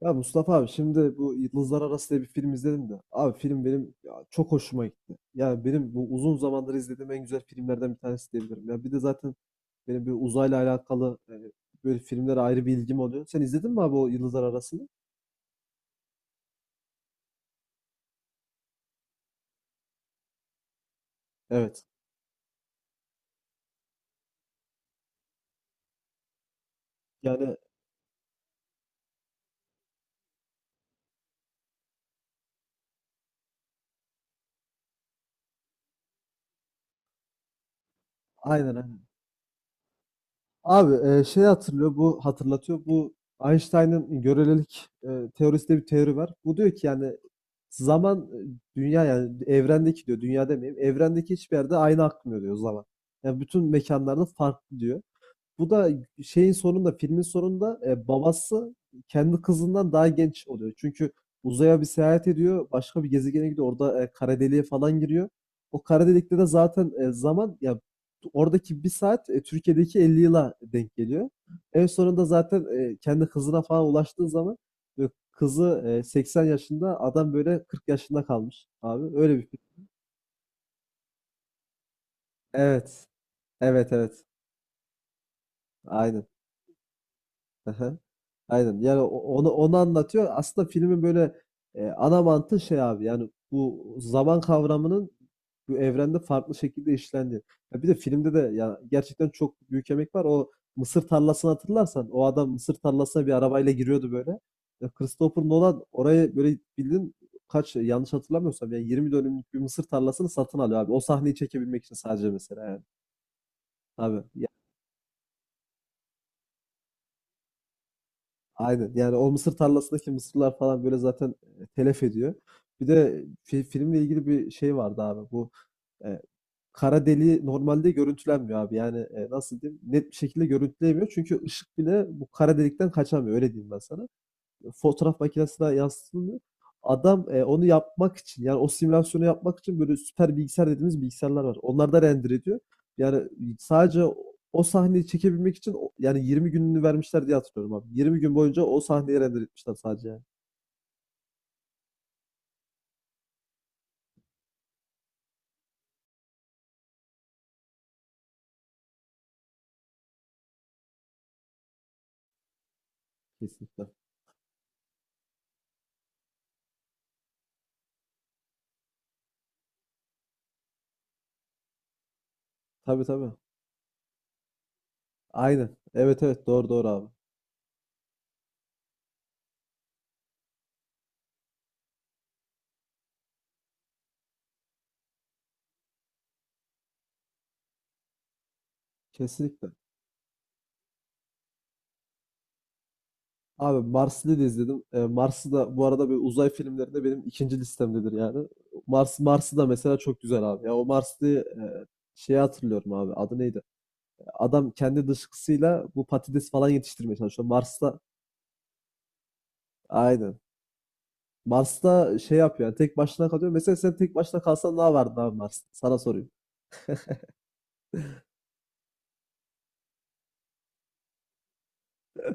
Ya Mustafa abi, şimdi bu Yıldızlar Arası diye bir film izledim de. Abi, film benim ya çok hoşuma gitti. Yani benim bu uzun zamandır izlediğim en güzel filmlerden bir tanesi diyebilirim. Ya bir de zaten benim bir uzayla alakalı böyle filmlere ayrı bir ilgim oluyor. Sen izledin mi abi o Yıldızlar Arası'nı? Evet. Yani aynen aynen. Abi, şey hatırlıyor bu hatırlatıyor bu Einstein'ın görelilik teorisinde bir teori var. Bu diyor ki yani zaman dünya yani evrendeki diyor, dünya demeyeyim evrendeki hiçbir yerde aynı akmıyor, diyor, zaman. Yani bütün mekanlarda farklı diyor. Bu da filmin sonunda babası kendi kızından daha genç oluyor. Çünkü uzaya bir seyahat ediyor, başka bir gezegene gidiyor. Orada kara deliğe falan giriyor. O kara delikte de zaten zaman ya, oradaki bir saat Türkiye'deki 50 yıla denk geliyor. En sonunda zaten kendi kızına falan ulaştığı zaman kızı 80 yaşında, adam böyle 40 yaşında kalmış abi. Öyle bir film. Evet. Evet, evet. Aynen. Hı hı. Aynen. Yani onu anlatıyor. Aslında filmin böyle ana mantığı şey abi. Yani bu zaman kavramının bu evrende farklı şekilde işlendi. Bir de filmde de ya gerçekten çok büyük emek var. O mısır tarlasını hatırlarsan, o adam mısır tarlasına bir arabayla giriyordu böyle. Ya Christopher Nolan orayı böyle bildiğin, kaç, yanlış hatırlamıyorsam yani 20 dönümlük bir mısır tarlasını satın alıyor abi. O sahneyi çekebilmek için sadece, mesela yani. Abi aynen. Yani o mısır tarlasındaki mısırlar falan böyle zaten telef ediyor. Bir de filmle ilgili bir şey vardı abi. Bu e, kara deliği normalde görüntülenmiyor abi. Yani nasıl diyeyim? Net bir şekilde görüntüleyemiyor. Çünkü ışık bile bu kara delikten kaçamıyor. Öyle diyeyim ben sana. Fotoğraf makinesine yazdığını adam, onu yapmak için, yani o simülasyonu yapmak için böyle süper bilgisayar dediğimiz bilgisayarlar var. Onlar da render ediyor. Yani sadece o, o sahneyi çekebilmek için o, yani 20 gününü vermişler diye hatırlıyorum abi. 20 gün boyunca o sahneyi render etmişler sadece yani. Kesinlikle. Tabii tabii. Aynen. Evet evet, doğru doğru abi. Kesinlikle. Abi, Marslı'yı da izledim. Mars'ı da bu arada böyle uzay filmlerinde benim ikinci listemdedir yani. Mars'ı da mesela çok güzel abi. Ya o Marslı'yı şeyi hatırlıyorum abi. Adı neydi? Adam kendi dışkısıyla bu patates falan yetiştirmeye çalışıyor Mars'ta. Aynen. Mars'ta şey yapıyor, yani tek başına kalıyor. Mesela sen tek başına kalsan ne yapardın abi Mars'ta? Sana sorayım.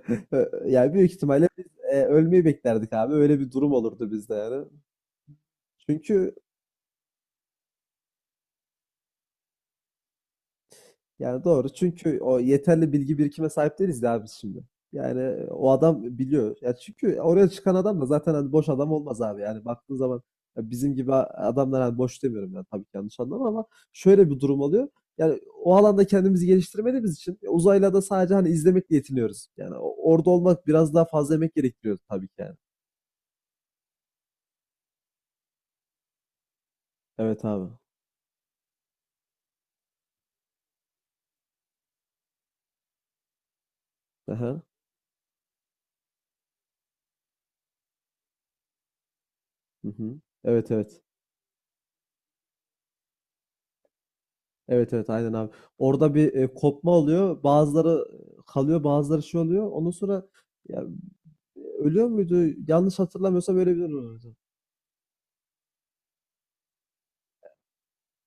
Yani büyük ihtimalle biz ölmeyi beklerdik abi. Öyle bir durum olurdu bizde yani. Çünkü Yani doğru. Çünkü o yeterli bilgi birikime sahip değiliz ya biz şimdi. Yani o adam biliyor. Ya çünkü oraya çıkan adam da zaten hani boş adam olmaz abi. Yani baktığın zaman ya bizim gibi adamlar, hani boş demiyorum, yani tabii ki yanlış anlama, ama şöyle bir durum oluyor. Yani o alanda kendimizi geliştirmediğimiz için uzayla da sadece hani izlemekle yetiniyoruz. Yani orada olmak biraz daha fazla emek gerektiriyor tabii ki yani. Evet abi. Aha. Hı hı. Evet evet. Evet evet aynen abi. Orada bir kopma oluyor. Bazıları kalıyor, bazıları şey oluyor. Ondan sonra ya, ölüyor muydu? Yanlış hatırlamıyorsam öyle bir oluyordu.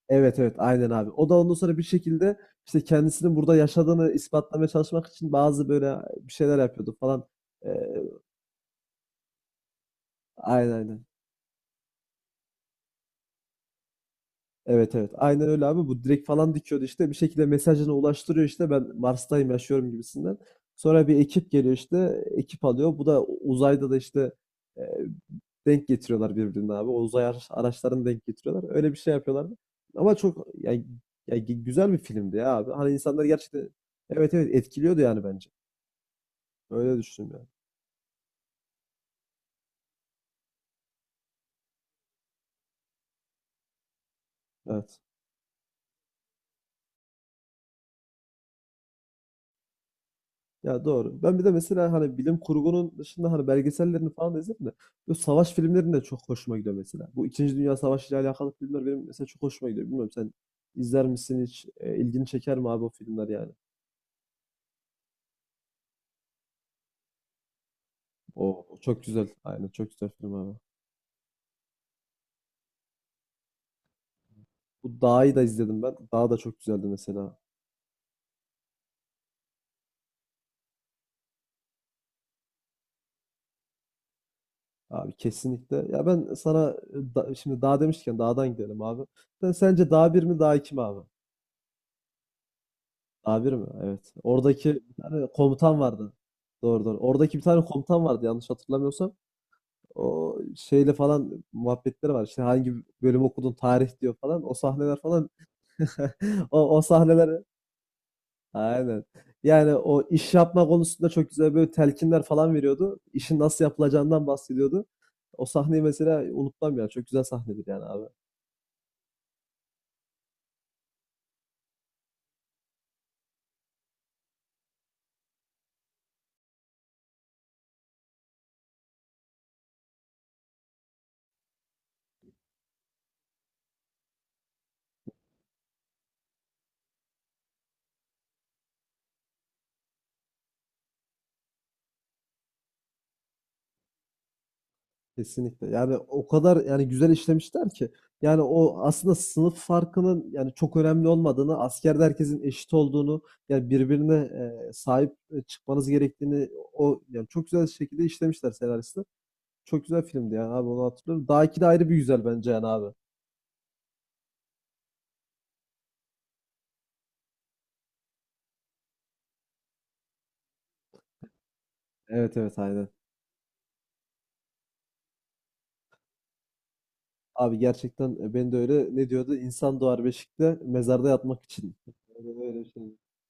Evet evet aynen abi. O da ondan sonra bir şekilde işte kendisinin burada yaşadığını ispatlamaya çalışmak için bazı böyle bir şeyler yapıyordu falan. E, aynen aynen. Evet evet. Aynen öyle abi. Bu direkt falan dikiyordu işte. Bir şekilde mesajını ulaştırıyor işte. Ben Mars'tayım, yaşıyorum gibisinden. Sonra bir ekip geliyor işte. Ekip alıyor. Bu da uzayda da işte e, denk getiriyorlar birbirine abi. O uzay araçlarını denk getiriyorlar. Öyle bir şey yapıyorlardı. Ama çok yani, yani güzel bir filmdi ya abi. Hani insanlar gerçekten, evet evet, etkiliyordu yani bence. Öyle düşünüyorum yani. Evet. Ya doğru. Ben bir de mesela hani bilim kurgunun dışında hani belgesellerini falan da izledim de bu savaş filmlerinin de çok hoşuma gidiyor mesela. Bu İkinci Dünya Savaşı ile alakalı filmler benim mesela çok hoşuma gidiyor. Bilmiyorum, sen izler misin hiç? E, ilgini çeker mi abi o filmler yani? O çok güzel. Aynen, çok güzel film abi. Bu Dağ'ı da izledim ben. Dağ da çok güzeldi mesela. Abi kesinlikle. Ya ben sana şimdi Dağ demişken Dağ'dan gidelim abi. Sen sence Dağ bir mi Dağ iki mi abi? A mi? Evet. Oradaki bir tane komutan vardı. Doğru doğru. Oradaki bir tane komutan vardı yanlış hatırlamıyorsam. O şeyle falan muhabbetleri var. İşte hangi bölüm okudun tarih diyor falan. O sahneler falan. O, o sahneler. Aynen. Yani o iş yapma konusunda çok güzel böyle telkinler falan veriyordu. İşin nasıl yapılacağından bahsediyordu. O sahneyi mesela unutmam ya. Çok güzel sahnedir yani abi. Kesinlikle. Yani o kadar yani güzel işlemişler ki. Yani o aslında sınıf farkının yani çok önemli olmadığını, askerde herkesin eşit olduğunu, yani birbirine sahip çıkmanız gerektiğini o yani çok güzel şekilde işlemişler senaristler. Çok güzel filmdi yani abi, onu hatırlıyorum. Daha iki de ayrı bir güzel bence yani abi. Evet evet aynen. Abi gerçekten ben de öyle, ne diyordu? İnsan doğar beşikte mezarda yatmak için. Öyle öyle bir şey.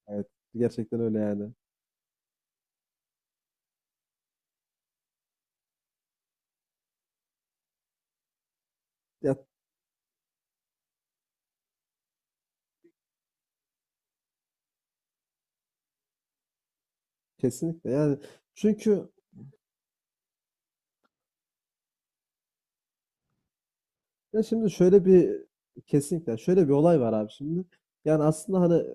Evet. Gerçekten öyle yani. Ya kesinlikle yani. Çünkü Ya şimdi şöyle bir kesinlikle şöyle bir olay var abi şimdi. Yani aslında hani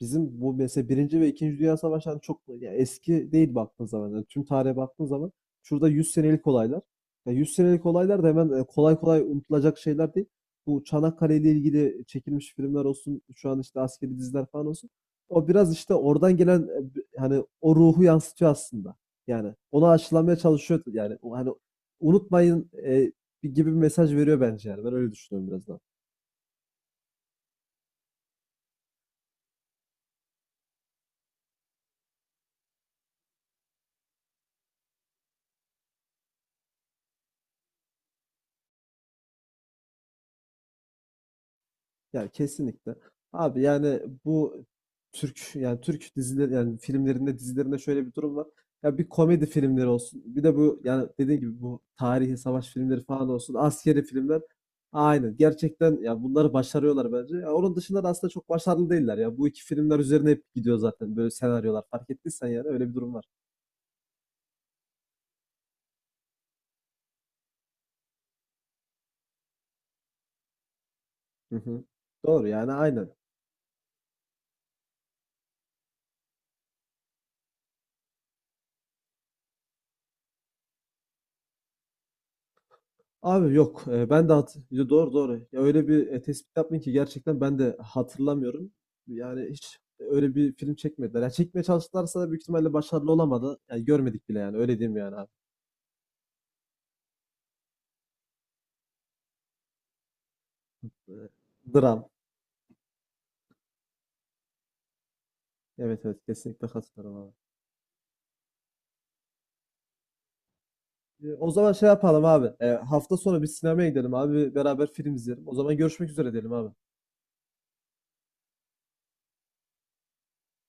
bizim bu mesela Birinci ve İkinci Dünya Savaşı hani çok ya eski değil baktığın zaman. Yani tüm tarihe baktığın zaman şurada 100 senelik olaylar. Ya 100 senelik olaylar da hemen kolay kolay unutulacak şeyler değil. Bu Çanakkale ile ilgili çekilmiş filmler olsun, şu an işte askeri diziler falan olsun. O biraz işte oradan gelen hani o ruhu yansıtıyor aslında. Yani onu aşılamaya çalışıyor yani o hani unutmayın bir gibi bir mesaj veriyor bence yani. Ben öyle düşünüyorum biraz daha. Yani kesinlikle. Abi yani bu Türk, yani Türk dizileri, yani filmlerinde, dizilerinde şöyle bir durum var. Ya bir, komedi filmleri olsun. Bir de bu yani dediğim gibi bu tarihi savaş filmleri falan olsun. Askeri filmler. Aynen. Gerçekten ya bunları başarıyorlar bence. Ya onun dışında da aslında çok başarılı değiller ya. Bu iki filmler üzerine hep gidiyor zaten böyle senaryolar. Fark ettiysen yani öyle bir durum var. Hı hı. Doğru yani aynen. Abi yok, ben de hat Yo, doğru, doğru. Ya, öyle bir, tespit yaptın ki gerçekten ben de hatırlamıyorum. Yani hiç öyle bir film çekmediler. Ya, çekmeye çalıştılarsa da büyük ihtimalle başarılı olamadı. Yani görmedik bile yani, öyle diyeyim yani abi. Eee, Dram. Evet, evet, kesinlikle katılıyorum abi. O zaman şey yapalım abi, hafta sonu bir sinemaya gidelim abi, beraber film izleyelim. O zaman görüşmek üzere diyelim abi.